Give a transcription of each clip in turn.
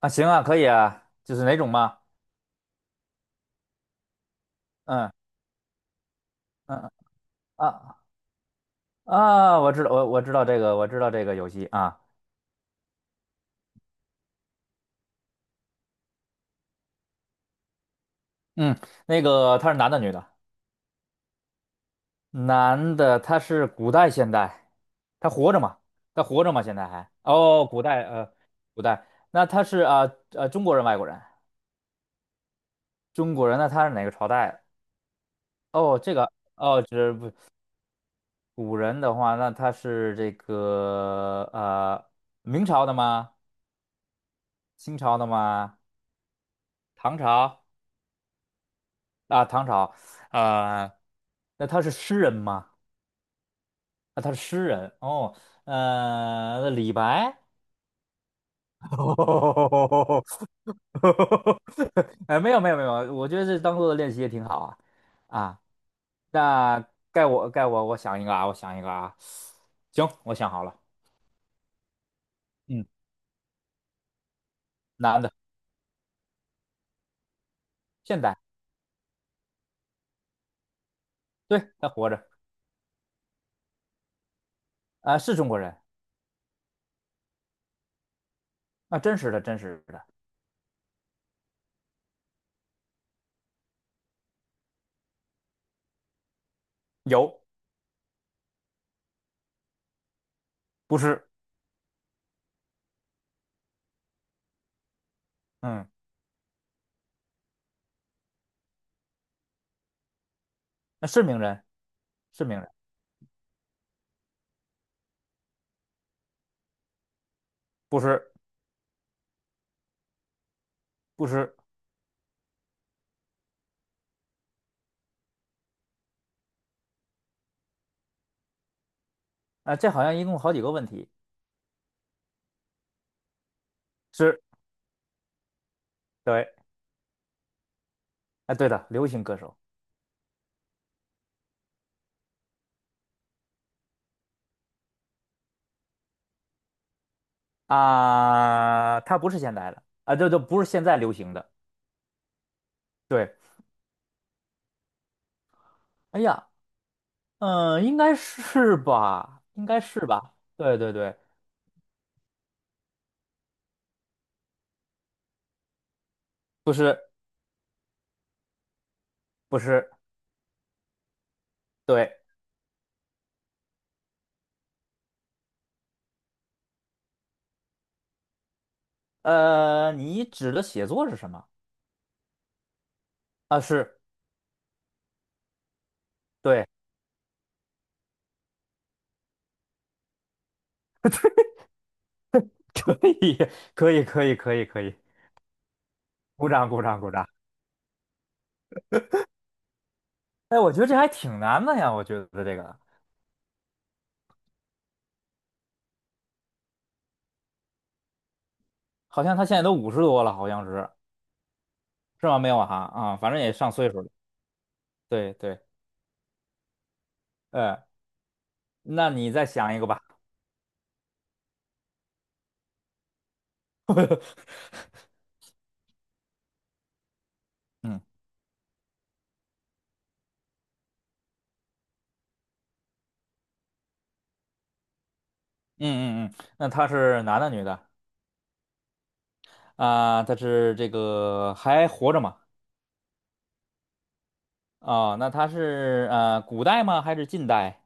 啊，行啊，可以啊，就是哪种嘛？嗯嗯啊啊，我知道，我知道这个，我知道这个游戏啊。嗯，那个他是男的女的？男的，他是古代现代，他活着吗？他活着吗？现在还？哦，古代古代，那他是中国人外国人？中国人那他是哪个朝代的？哦，这个哦，这不古人的话，那他是这个明朝的吗？清朝的吗？唐朝？啊，唐朝，啊、那他是诗人吗？啊，他是诗人哦，那李白，哎，没有没有没有，我觉得这当做练习也挺好啊啊，那该我想一个啊，我想一个啊，行，我想好了，嗯，男的，现代，对，他活着啊，是中国人啊，真实的真实的，有，不是，嗯，那是名人，是名人，不是不是。啊，这好像一共好几个问题。是，对，啊，对的，流行歌手啊，他不是现代的啊，这都不是现在流行的。对，哎呀，嗯、应该是吧，应该是吧。对对对，不是不是，对，你指的写作是什么？啊，是，对，可以，可以，可以，可以，可以，鼓掌，鼓掌，鼓掌。哎，我觉得这还挺难的呀，我觉得这个好像他现在都50多了，好像是，是吗？没有啊，啊，反正也上岁数了。对对，呃，那你再想一个吧。嗯嗯嗯嗯，那他是男的女的？啊、他是这个还活着吗？啊、那他是古代吗？还是近代？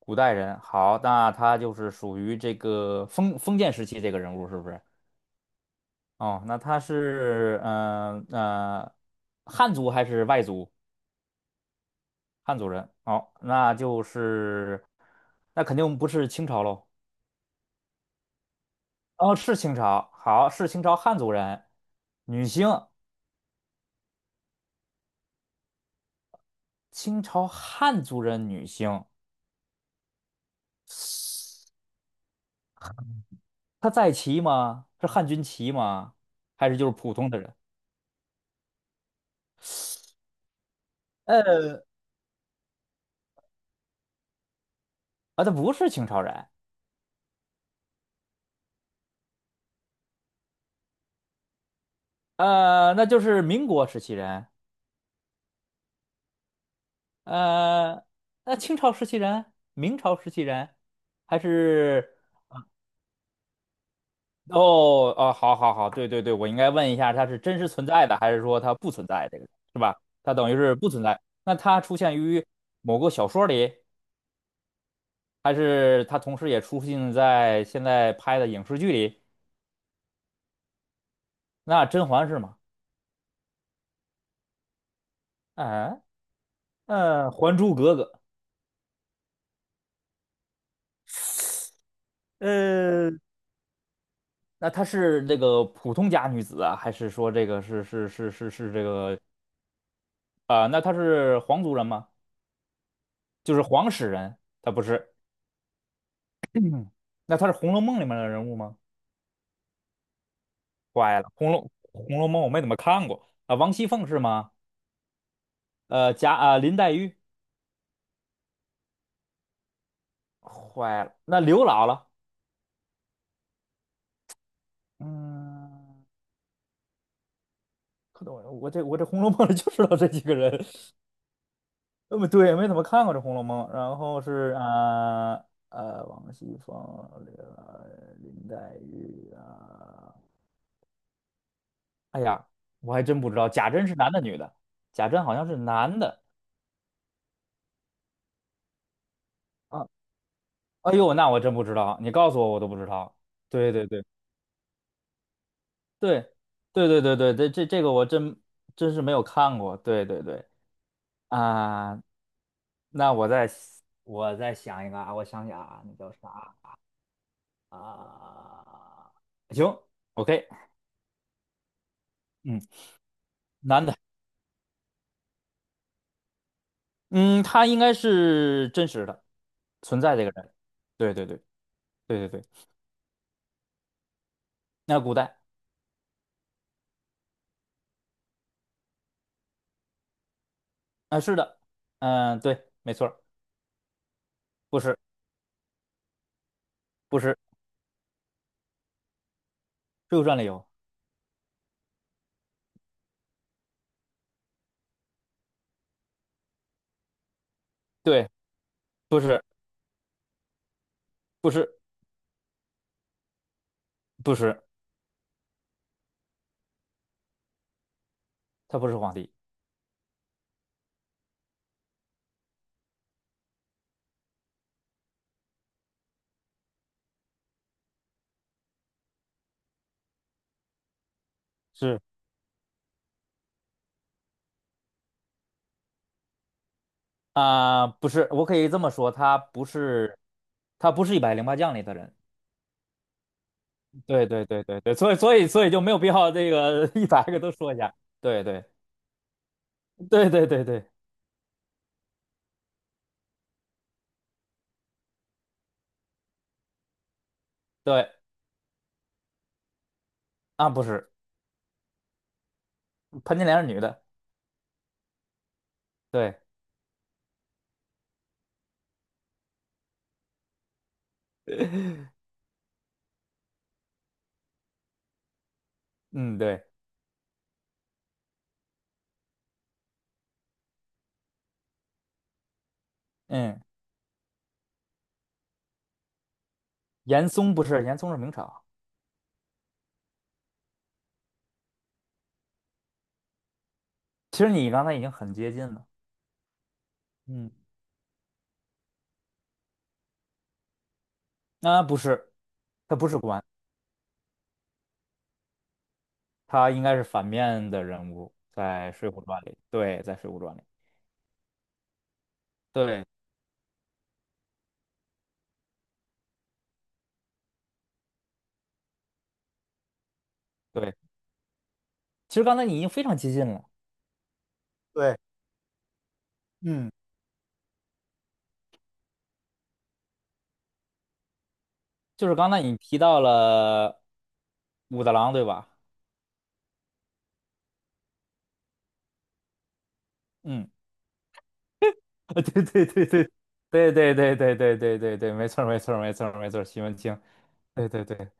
古代人。好，那他就是属于这个封建时期这个人物是不是？哦，那他是汉族还是外族？汉族人。哦，那就是那肯定不是清朝喽。哦，是清朝。好，是清朝汉族人，女性。清朝汉族人女性，她在旗吗？是汉军旗吗？还是就是普通的人？呃，啊，她不是清朝人，那就是民国时期人，呃，那清朝时期人，明朝时期人，还是哦哦，好好好，对对对，我应该问一下，她是真实存在的，还是说她不存在？这个是吧？她等于是不存在。那她出现于某个小说里，还是她同时也出现在现在拍的影视剧里？那甄嬛是吗？啊，《还珠格格》呃，那她是这个普通家女子啊，还是说这个是这个啊、那她是皇族人吗？就是皇室人，她不是。嗯，那她是《红楼梦》里面的人物吗？坏了，《红楼梦》我没怎么看过啊、王熙凤是吗？林黛玉，坏了，那刘姥姥。嗯，可懂我这《红楼梦》里就知道这几个人，不对，没怎么看过这《红楼梦》。然后是啊王熙凤、林黛玉啊、哎呀，我还真不知道贾珍是男的女的，贾珍好像是男的啊。哎呦，那我真不知道，你告诉我我都不知道。对对对对对对对对，这个我真真是没有看过。对对对啊，那我再想一个啊，我想想啊，那叫啥啊？行，OK，嗯，男的。嗯，他应该是真实的存在这个人。对对对对对对，那古代啊，是的，嗯、对，没错儿不是不是《水浒传》里有，对，不是不是不是，他不是皇帝，是啊、不是，我可以这么说，他不是一百零八将里的人。对对对对对，所以就没有必要这个 100个都说一下。对对对对对对对啊，不是潘金莲是女的，对，嗯对。嗯。严嵩不是，严嵩是明朝。其实你刚才已经很接近了。嗯，啊，不是，他不是官，他应该是反面的人物，在《水浒传》里。对，在《水浒传》里。对对，其实刚才你已经非常接近了，对，嗯，就是刚才你提到了武大郎，对吧？嗯，对对对对对对对对对对对对，没错儿没错儿没错儿没错儿西门庆。对对对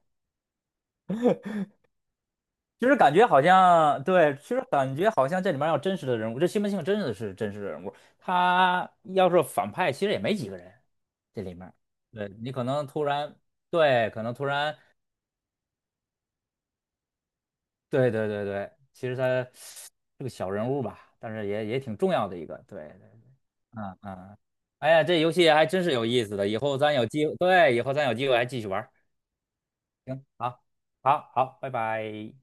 就是感觉好像对，其实感觉好像这里面要真实的人物，这西门庆真的是真实的人物，他要是反派，其实也没几个人，这里面，对你可能突然，对，可能突然，对对对对，其实他是个小人物吧，但是也挺重要的一个，对对，嗯嗯，哎呀，这游戏还真是有意思的，以后咱有机会，对，以后咱有机会还继续玩儿，行，好，好，好，拜拜。